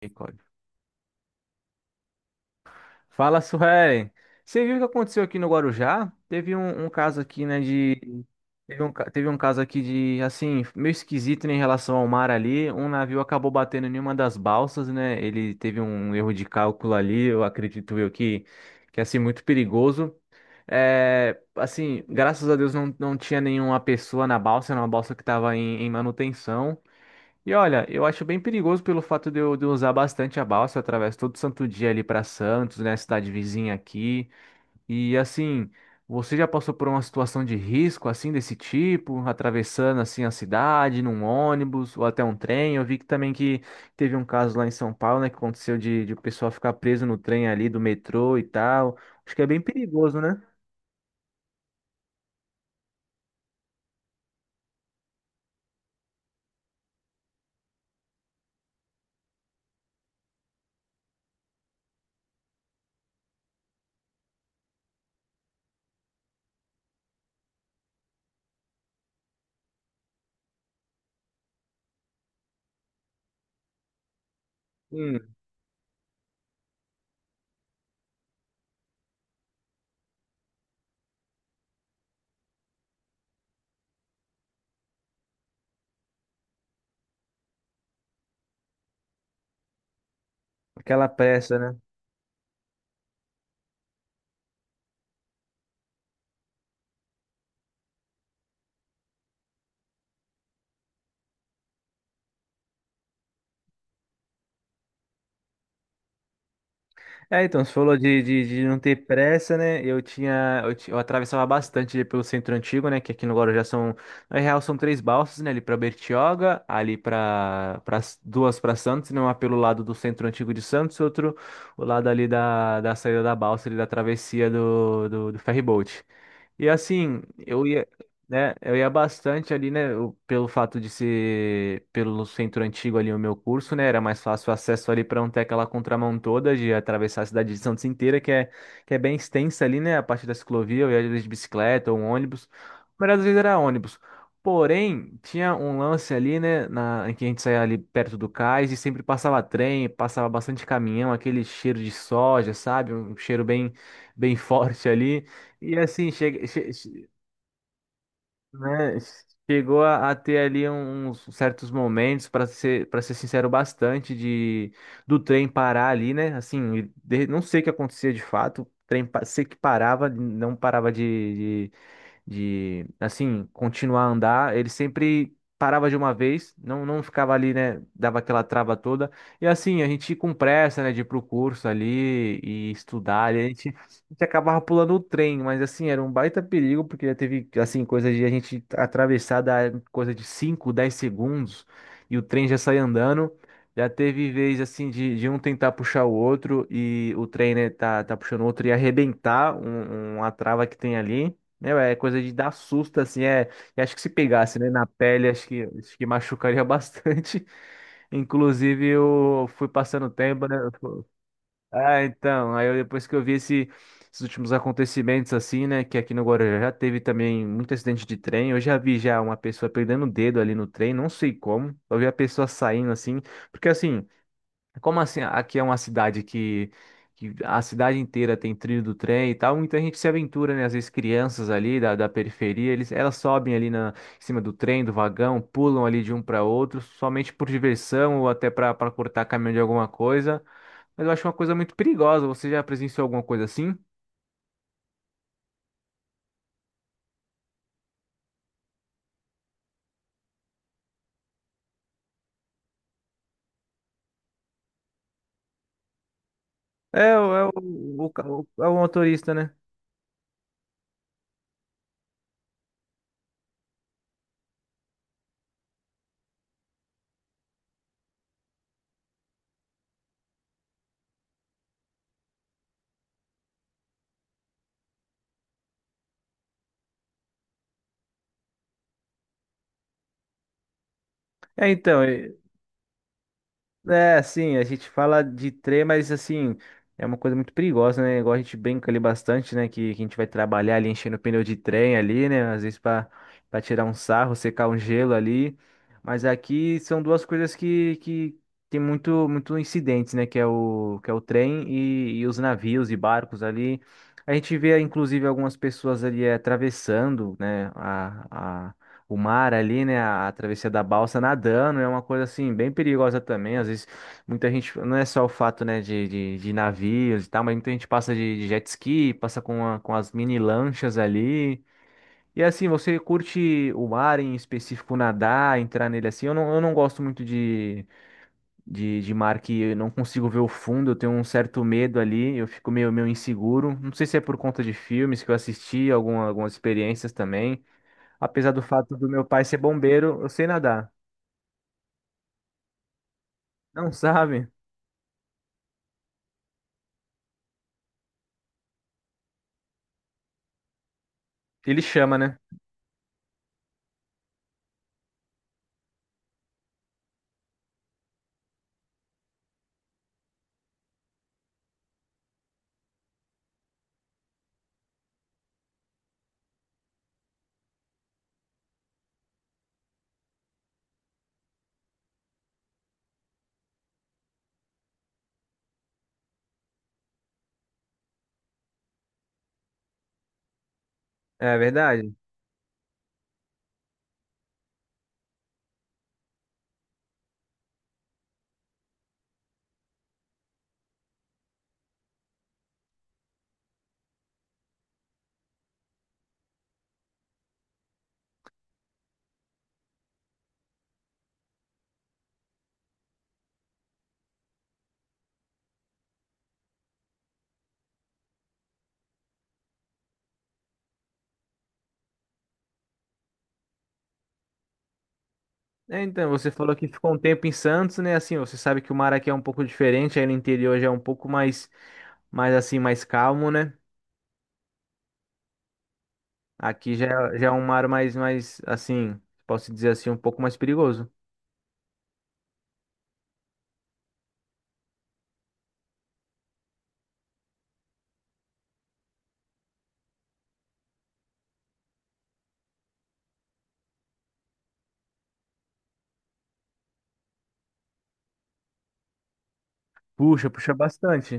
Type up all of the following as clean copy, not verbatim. Misericórdia. Fala, Suelen. Você viu o que aconteceu aqui no Guarujá? Teve um caso aqui, né, de... Teve um caso aqui de, assim, meio esquisito, né, em relação ao mar ali. Um navio acabou batendo em uma das balsas, né? Ele teve um erro de cálculo ali, eu acredito eu que é, assim, muito perigoso. É, assim, graças a Deus não tinha nenhuma pessoa na balsa, era uma balsa que estava em manutenção. E olha, eu acho bem perigoso pelo fato de eu usar bastante a balsa, eu atravesso todo santo dia ali para Santos, né, cidade vizinha aqui. E assim, você já passou por uma situação de risco assim desse tipo, atravessando assim a cidade num ônibus ou até um trem? Eu vi que também que teve um caso lá em São Paulo, né, que aconteceu de o pessoal ficar preso no trem ali do metrô e tal. Acho que é bem perigoso, né? Hum. Aquela pressa, né? É, então, você falou de não ter pressa, né? Eu tinha, eu, ti- eu atravessava bastante ali pelo centro antigo, né? Que aqui no Guarujá são, na real, são três balsas, né? Ali pra Bertioga, ali pra duas pra Santos, né? Uma pelo lado do centro antigo de Santos, outro o lado ali da saída da balsa, ali da travessia do ferryboat. E assim, eu ia, né? Eu ia bastante ali, né? Pelo fato de ser pelo centro antigo ali o meu curso, né? Era mais fácil o acesso ali para não ter aquela contramão toda de atravessar a cidade de Santos inteira, que é bem extensa ali, né? A parte da ciclovia, eu ia às vezes de bicicleta ou um ônibus. A maioria das vezes era ônibus. Porém, tinha um lance ali, né? Em que a gente saía ali perto do cais e sempre passava trem, passava bastante caminhão, aquele cheiro de soja, sabe? Um cheiro bem forte ali. E assim, né, chegou a ter ali uns certos momentos, para ser sincero, bastante de do trem parar ali, né? Assim, não sei o que acontecia de fato. O trem sei que parava, não parava de assim, continuar a andar. Ele sempre parava de uma vez, não ficava ali, né? Dava aquela trava toda. E assim, a gente ia com pressa, né, de ir pro curso ali e estudar. Ali, a gente acabava pulando o trem, mas assim, era um baita perigo, porque já teve, assim, coisa de a gente atravessar da coisa de 5 10 segundos e o trem já sai andando. Já teve vez assim de um tentar puxar o outro e o trem, né, tá puxando o outro e arrebentar uma trava que tem ali. Meu, é coisa de dar susto, assim, é. E acho que se pegasse, né, na pele, acho que, machucaria bastante. Inclusive, eu fui passando tempo, né? Ah, então, aí depois que eu vi esses últimos acontecimentos, assim, né, que aqui no Guarujá já teve também muito acidente de trem. Eu já vi já uma pessoa perdendo o dedo ali no trem, não sei como. Eu vi a pessoa saindo, assim, porque assim. Como assim? Aqui é uma cidade que a cidade inteira tem trilho do trem e tal, muita gente se aventura, né? Às vezes crianças ali da periferia, elas sobem ali em cima do trem, do vagão, pulam ali de um para outro, somente por diversão ou até para cortar caminho de alguma coisa. Mas eu acho uma coisa muito perigosa. Você já presenciou alguma coisa assim? É, o- é o, é o motorista, né? É, então. É, assim, a gente fala de trem, mas assim, é uma coisa muito perigosa, né? Igual a gente brinca ali bastante, né? Que a gente vai trabalhar ali enchendo o pneu de trem ali, né? Às vezes para tirar um sarro, secar um gelo ali. Mas aqui são duas coisas que tem muito, muito incidentes, né? Que é o trem e os navios e barcos ali. A gente vê, inclusive, algumas pessoas ali atravessando, né? O mar ali, né? A travessia da balsa nadando é uma coisa assim bem perigosa também. Às vezes muita gente, não é só o fato, né, de navios e tal, mas muita gente passa de jet ski, passa com as mini lanchas ali. E assim, você curte o mar em específico, nadar, entrar nele assim? Eu não gosto muito de mar que eu não consigo ver o fundo, eu tenho um certo medo ali, eu fico meio inseguro. Não sei se é por conta de filmes que eu assisti, algumas experiências também. Apesar do fato do meu pai ser bombeiro, eu sei nadar. Não sabe? Ele chama, né? É verdade. É, então, você falou que ficou um tempo em Santos, né? Assim, você sabe que o mar aqui é um pouco diferente, aí no interior já é um pouco mais assim, mais calmo, né? Aqui já, já é um mar mais, assim, posso dizer assim, um pouco mais perigoso. Puxa, puxa bastante.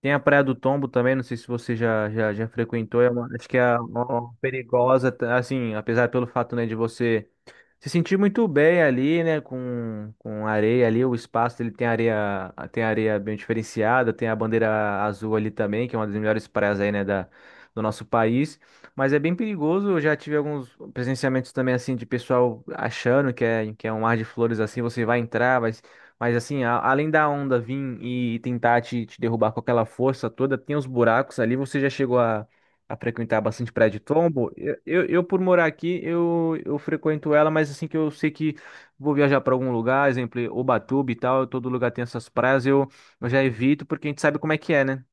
Tem a Praia do Tombo também, não sei se você já frequentou, é acho que é uma perigosa, tá, assim, apesar pelo fato, né, de você se sentir muito bem ali, né, com areia ali, o espaço ele tem areia bem diferenciada, tem a bandeira azul ali também, que é uma das melhores praias aí, né, do nosso país, mas é bem perigoso, eu já tive alguns presenciamentos também, assim, de pessoal achando que é um mar de flores, assim, você vai entrar, vai mas assim, além da onda vir e tentar te derrubar com aquela força toda, tem os buracos ali. Você já chegou a frequentar bastante praia de tombo? Por morar aqui, eu frequento ela, mas assim que eu sei que vou viajar para algum lugar, exemplo, Ubatuba e tal, todo lugar tem essas praias, eu já evito porque a gente sabe como é que é, né?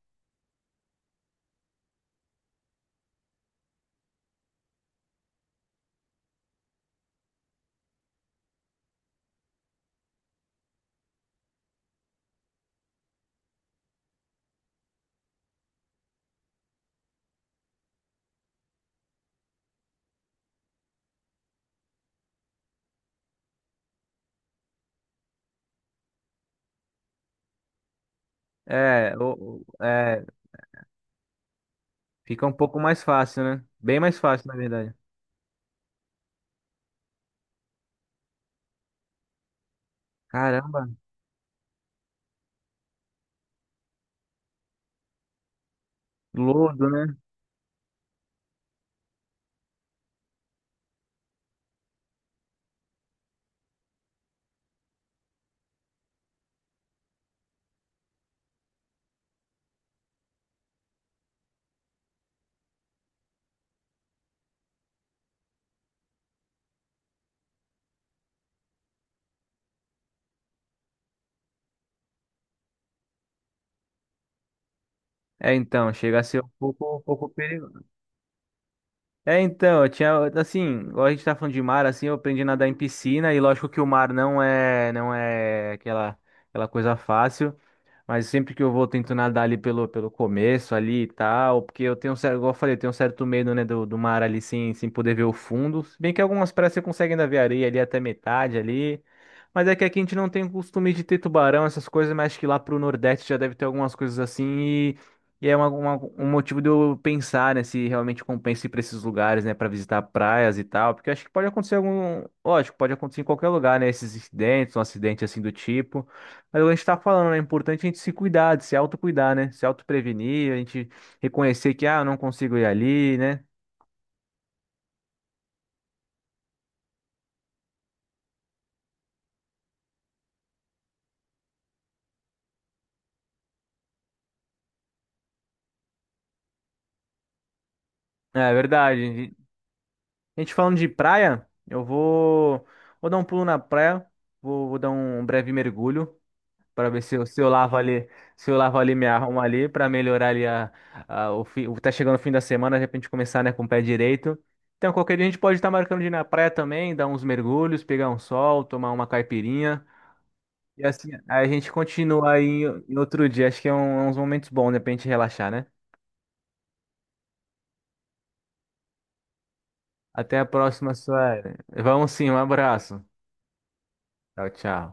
É, fica um pouco mais fácil, né? Bem mais fácil, na verdade. Caramba, lodo, né? É, então, chega a ser um pouco. É, então, eu tinha, assim, igual a gente tá falando de mar, assim, eu aprendi a nadar em piscina, e lógico que o mar não é aquela coisa fácil, mas sempre que eu vou, tento nadar ali pelo começo ali e tal, porque eu tenho um certo, igual eu falei, eu tenho um certo medo, né, do mar ali sem poder ver o fundo. Se bem que algumas praias você consegue ainda ver areia ali até metade ali. Mas é que aqui a gente não tem o costume de ter tubarão, essas coisas, mas acho que lá pro Nordeste já deve ter algumas coisas assim e é um motivo de eu pensar, né, se realmente compensa ir pra esses lugares, né, pra visitar praias e tal, porque acho que pode acontecer algum, lógico, pode acontecer em qualquer lugar, né, esses incidentes, um acidente assim do tipo. Mas a gente tá falando, né? É importante a gente se cuidar, de se autocuidar, né? Se autoprevenir, a gente reconhecer que, ah, eu não consigo ir ali, né? É verdade. E a gente falando de praia, eu vou dar um pulo na praia, vou dar um breve mergulho para ver se eu lavo ali, me arrumo ali, para melhorar ali o fim, tá chegando o fim da semana, de repente começar, né, com o pé direito. Então, qualquer dia a gente pode estar marcando de ir na praia também, dar uns mergulhos, pegar um sol, tomar uma caipirinha. E assim, a gente continua aí em outro dia. Acho que é uns momentos bons, né, pra gente relaxar, né? Até a próxima, Sueli. Vamos sim, um abraço. Tchau, tchau.